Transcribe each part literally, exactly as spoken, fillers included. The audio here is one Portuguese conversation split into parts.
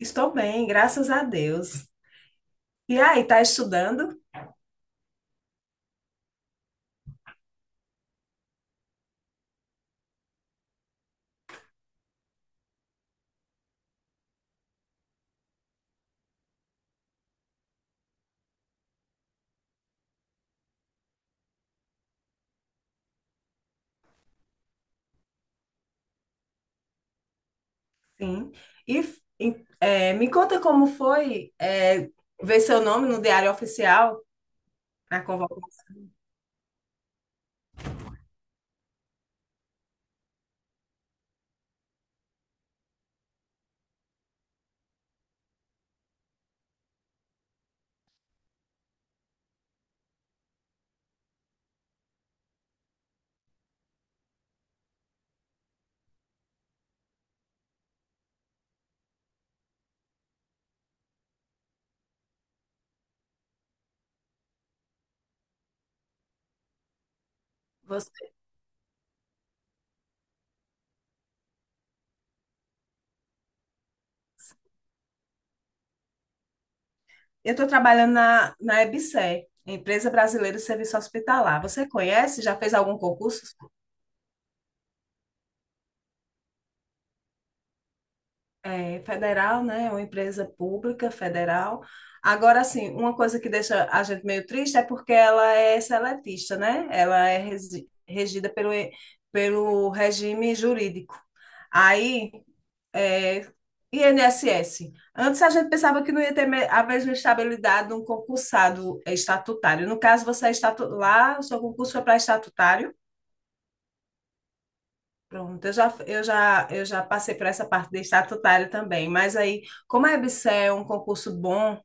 Estou bem, graças a Deus. E aí, tá estudando? Sim. E, e, é, me conta como foi, é, ver seu nome no Diário Oficial, na convocação. Você- Eu estou trabalhando na, na E B S E R, Empresa Brasileira de Serviço Hospitalar. Você conhece? Já fez algum concurso? É, federal, né? É uma empresa pública federal. Agora, assim, uma coisa que deixa a gente meio triste é porque ela é seletista, né? Ela é resi- regida pelo, pelo regime jurídico. Aí, é, inss. Antes a gente pensava que não ia ter me- a mesma estabilidade de um concursado estatutário. No caso, você é estatu... lá, o seu concurso foi para estatutário. Pronto, eu já, eu já, eu já passei por essa parte de estatutário também, mas aí, como a EBSERH é um concurso bom,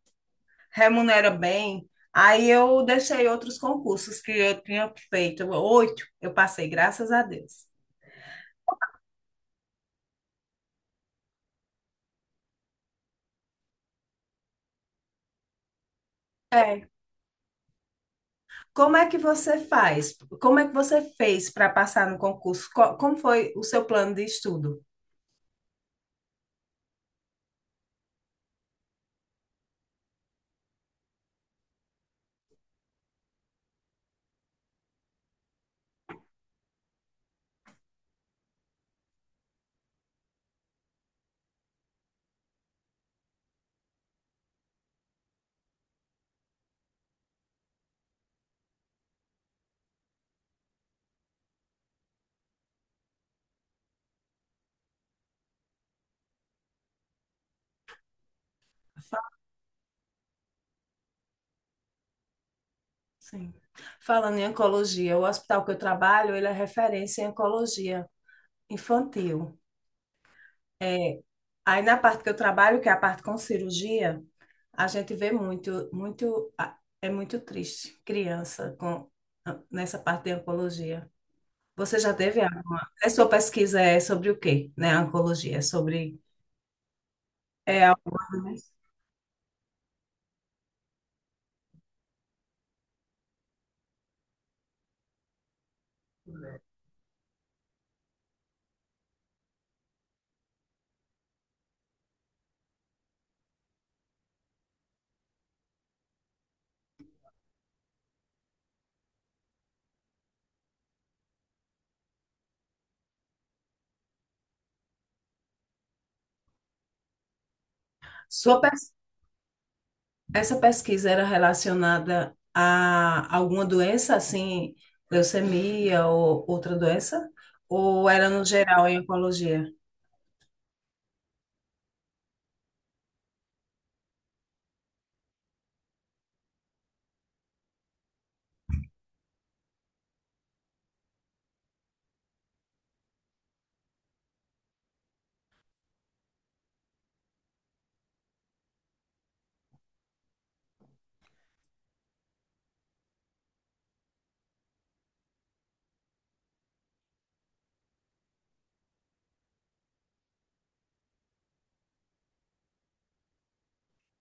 remunera bem, aí eu deixei outros concursos que eu tinha feito, oito, eu passei, graças a Deus. É. Como é que você faz? Como é que você fez para passar no concurso? Co- Como foi o seu plano de estudo? Fa- Sim. Falando em oncologia, o hospital que eu trabalho, ele é referência em oncologia infantil. É, Aí na parte que eu trabalho, que é a parte com cirurgia, a gente vê muito, muito, ah, é muito triste criança com nessa parte de oncologia. Você já teve alguma? A sua pesquisa é sobre o quê, né? A oncologia, é sobre é alguma... Sua pes- Essa pesquisa era relacionada a alguma doença, assim, leucemia ou outra doença? Ou era no geral em oncologia?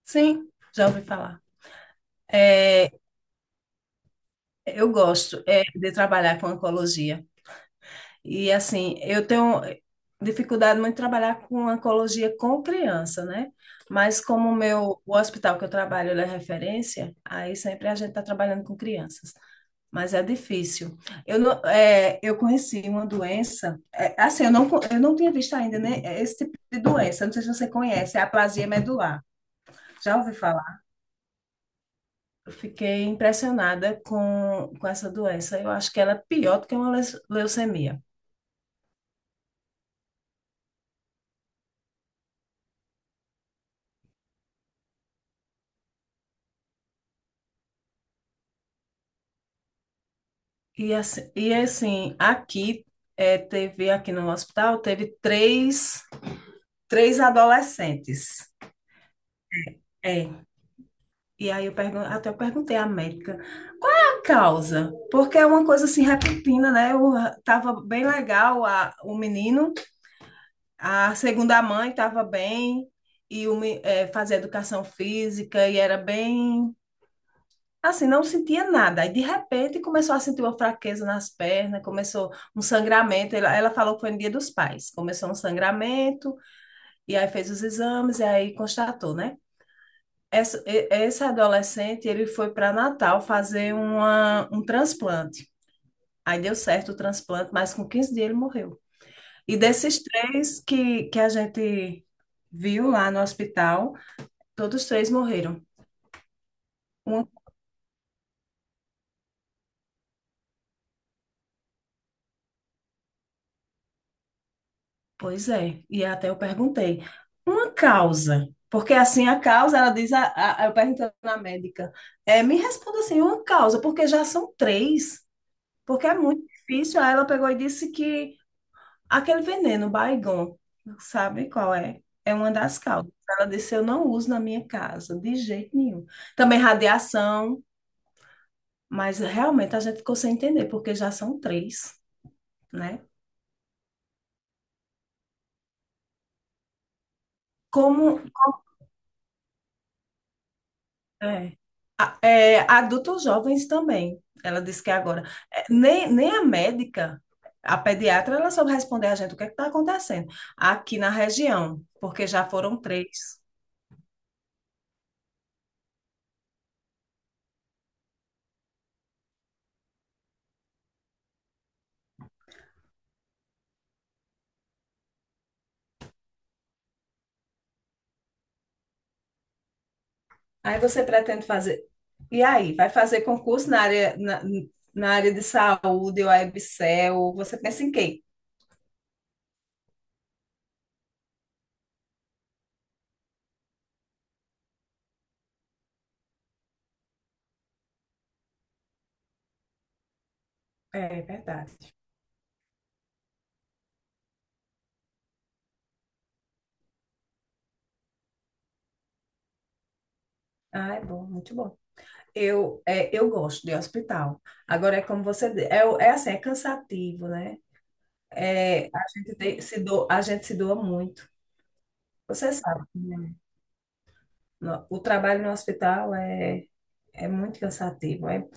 Sim, já ouvi falar. É, Eu gosto é, de trabalhar com oncologia. E assim, eu tenho dificuldade muito em trabalhar com oncologia com criança, né? Mas como o meu, o hospital que eu trabalho, ele é referência, aí sempre a gente está trabalhando com crianças. Mas é difícil. Eu, não- é, eu conheci uma doença, é, assim, eu não, co- eu não tinha visto ainda, né, esse tipo de doença, não sei se você conhece, é a aplasia medular. Já ouviu falar? Eu fiquei impressionada com, com essa doença. Eu acho que ela é pior do que uma leu- leucemia. E assim, e assim aqui é, teve, aqui no hospital, teve três, três adolescentes. É. E aí eu pergun até eu perguntei à médica qual é a causa? Porque é uma coisa assim repentina, né? Eu ah, tava bem legal a, o menino, a segunda mãe estava bem e o me- eh, fazia educação física e era bem. Assim, não sentia nada. Aí, de repente, começou a sentir uma fraqueza nas pernas, começou um sangramento. Ela, ela falou que foi no Dia dos Pais. Começou um sangramento, e aí fez os exames, e aí constatou, né? Essa, e- esse adolescente, ele foi para Natal fazer uma, um transplante. Aí deu certo o transplante, mas com quinze dias ele morreu. E desses três que, que a gente viu lá no hospital, todos três morreram. Um. Pois é, e até eu perguntei, uma causa, porque assim a causa, ela diz, a, a- eu perguntei na médica, é, me responda assim, uma causa, porque já são três, porque é muito difícil. Aí ela pegou e disse que aquele veneno, Baygon, sabe qual é? É uma das causas. Ela disse, eu não uso na minha casa, de jeito nenhum. Também radiação, mas realmente a gente ficou sem entender, porque já são três, né? Como. É. A- é, adultos jovens também, ela disse que agora. É, Nem, nem a médica, a pediatra, ela soube responder a gente o que está acontecendo aqui na região, porque já foram três. Aí você pretende fazer. E aí, vai fazer concurso na área, na, na área de saúde, ou a EBSERH, você pensa em quê? É verdade. Ah, é bom, muito bom. Eu, é, eu gosto de hospital. Agora, é como você, di- É, o- é assim, é cansativo, né? É, a gente tem- se do, a gente se doa muito. Você sabe, no- o trabalho no hospital é, é, muito cansativo. é-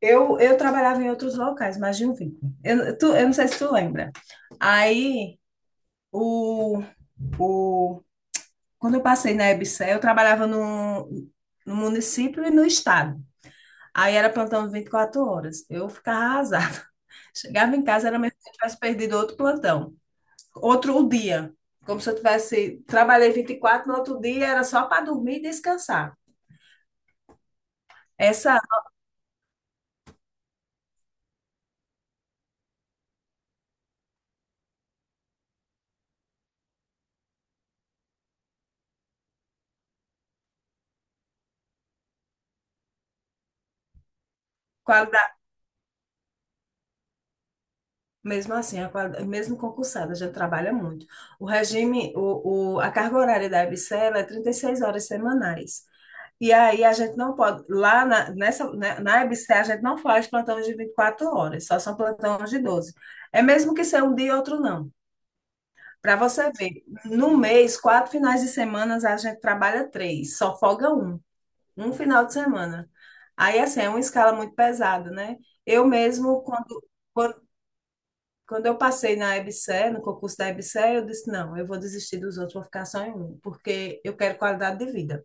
eu, eu trabalhava em outros locais, mas de um vínculo. Eu, tu- eu não sei se tu lembra. Aí, o, o, quando eu passei na EBSERH, eu trabalhava no, no município e no estado. Aí era plantão vinte e quatro horas. Eu ficava arrasada. Chegava em casa, era mesmo se eu tivesse perdido outro plantão, outro dia, como se eu tivesse, trabalhei vinte e quatro no outro dia era só para dormir e descansar. Essa qualidade, mesmo assim, a qualidade, mesmo concursada, já trabalha muito. O regime, o, o, a carga horária da EBSERH é trinta e seis horas semanais. E aí a gente não pode, lá na, nessa, né, na EBSERH a gente não faz plantões de vinte e quatro horas, só são plantões de doze. É mesmo que seja um dia e outro não. Para você ver, no mês, quatro finais de semana, a gente trabalha três, só folga um. Um final de semana. Aí, assim, é uma escala muito pesada, né? Eu mesmo, quando, quando, quando eu passei na EBSERH, no concurso da EBSERH, eu disse, não, eu vou desistir dos outros, vou ficar só em um, porque eu quero qualidade de vida.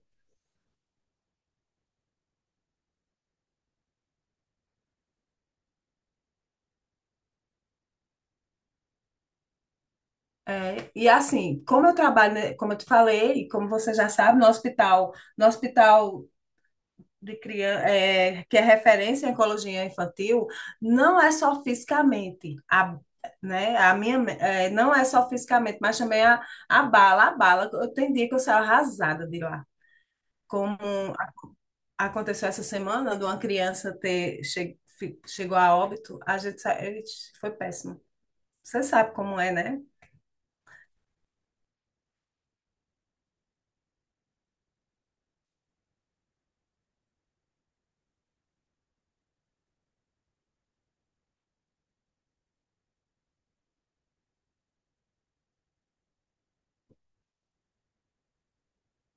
É, e assim, como eu trabalho, né, como eu te falei, e como você já sabe, no hospital, no hospital de criança, que é referência em oncologia infantil, não é só fisicamente, a, né? A minha, é, não é só fisicamente, mas também a, a bala, a bala. Eu tem dia que eu saio arrasada de lá. Como aconteceu essa semana, de uma criança ter che, fi- chegou a óbito, a gente sa- Ixi, foi péssimo. Você sabe como é, né?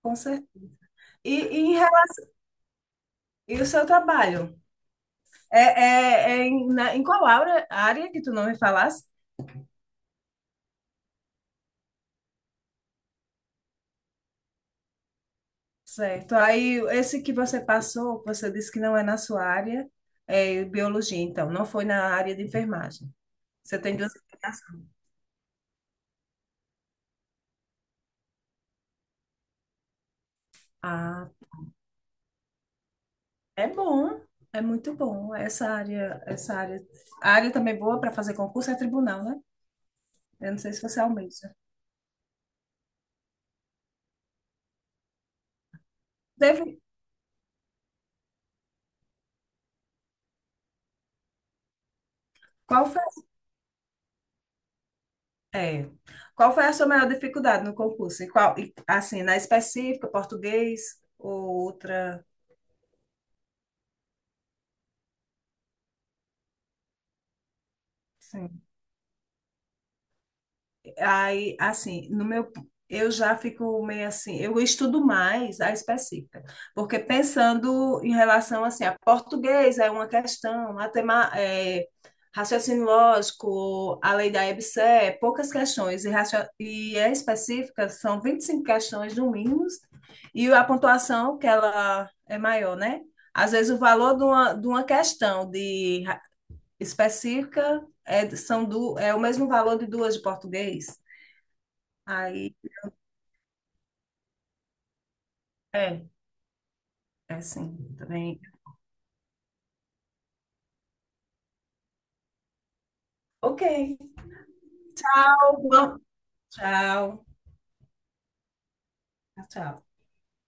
Com cer- E, e, em rela- e o seu trabalho? É, é, é em, na, em qual área, área que tu não me falasse? Certo. Aí, esse que você passou, que você disse que não é na sua área, é biologia, então, não foi na área de enfermagem. Você tem duas aplicações. Ah, é bom, é muito bom. Essa área, essa área, a área também boa para fazer concurso é tribunal, né? Eu não sei se você almeja. Teve, qual foi, é, qual foi a sua maior dificuldade no concurso? E qual, e, assim, na específica, português ou outra? Sim. Aí, assim, no meu, eu já fico meio assim, eu estudo mais a específica, porque pensando em relação assim, a português é uma questão, a tema, é, raciocínio lógico, a lei da E B C, é poucas questões, e, racio- e a específica são vinte e cinco questões no mínimo, e a pontuação que ela é maior, né? Às vezes o valor de uma, de uma, questão de ra- específica é, são do, é o mesmo valor de duas de português. Aí, é, é, sim, também. Ok, Alguma tchau, tchau.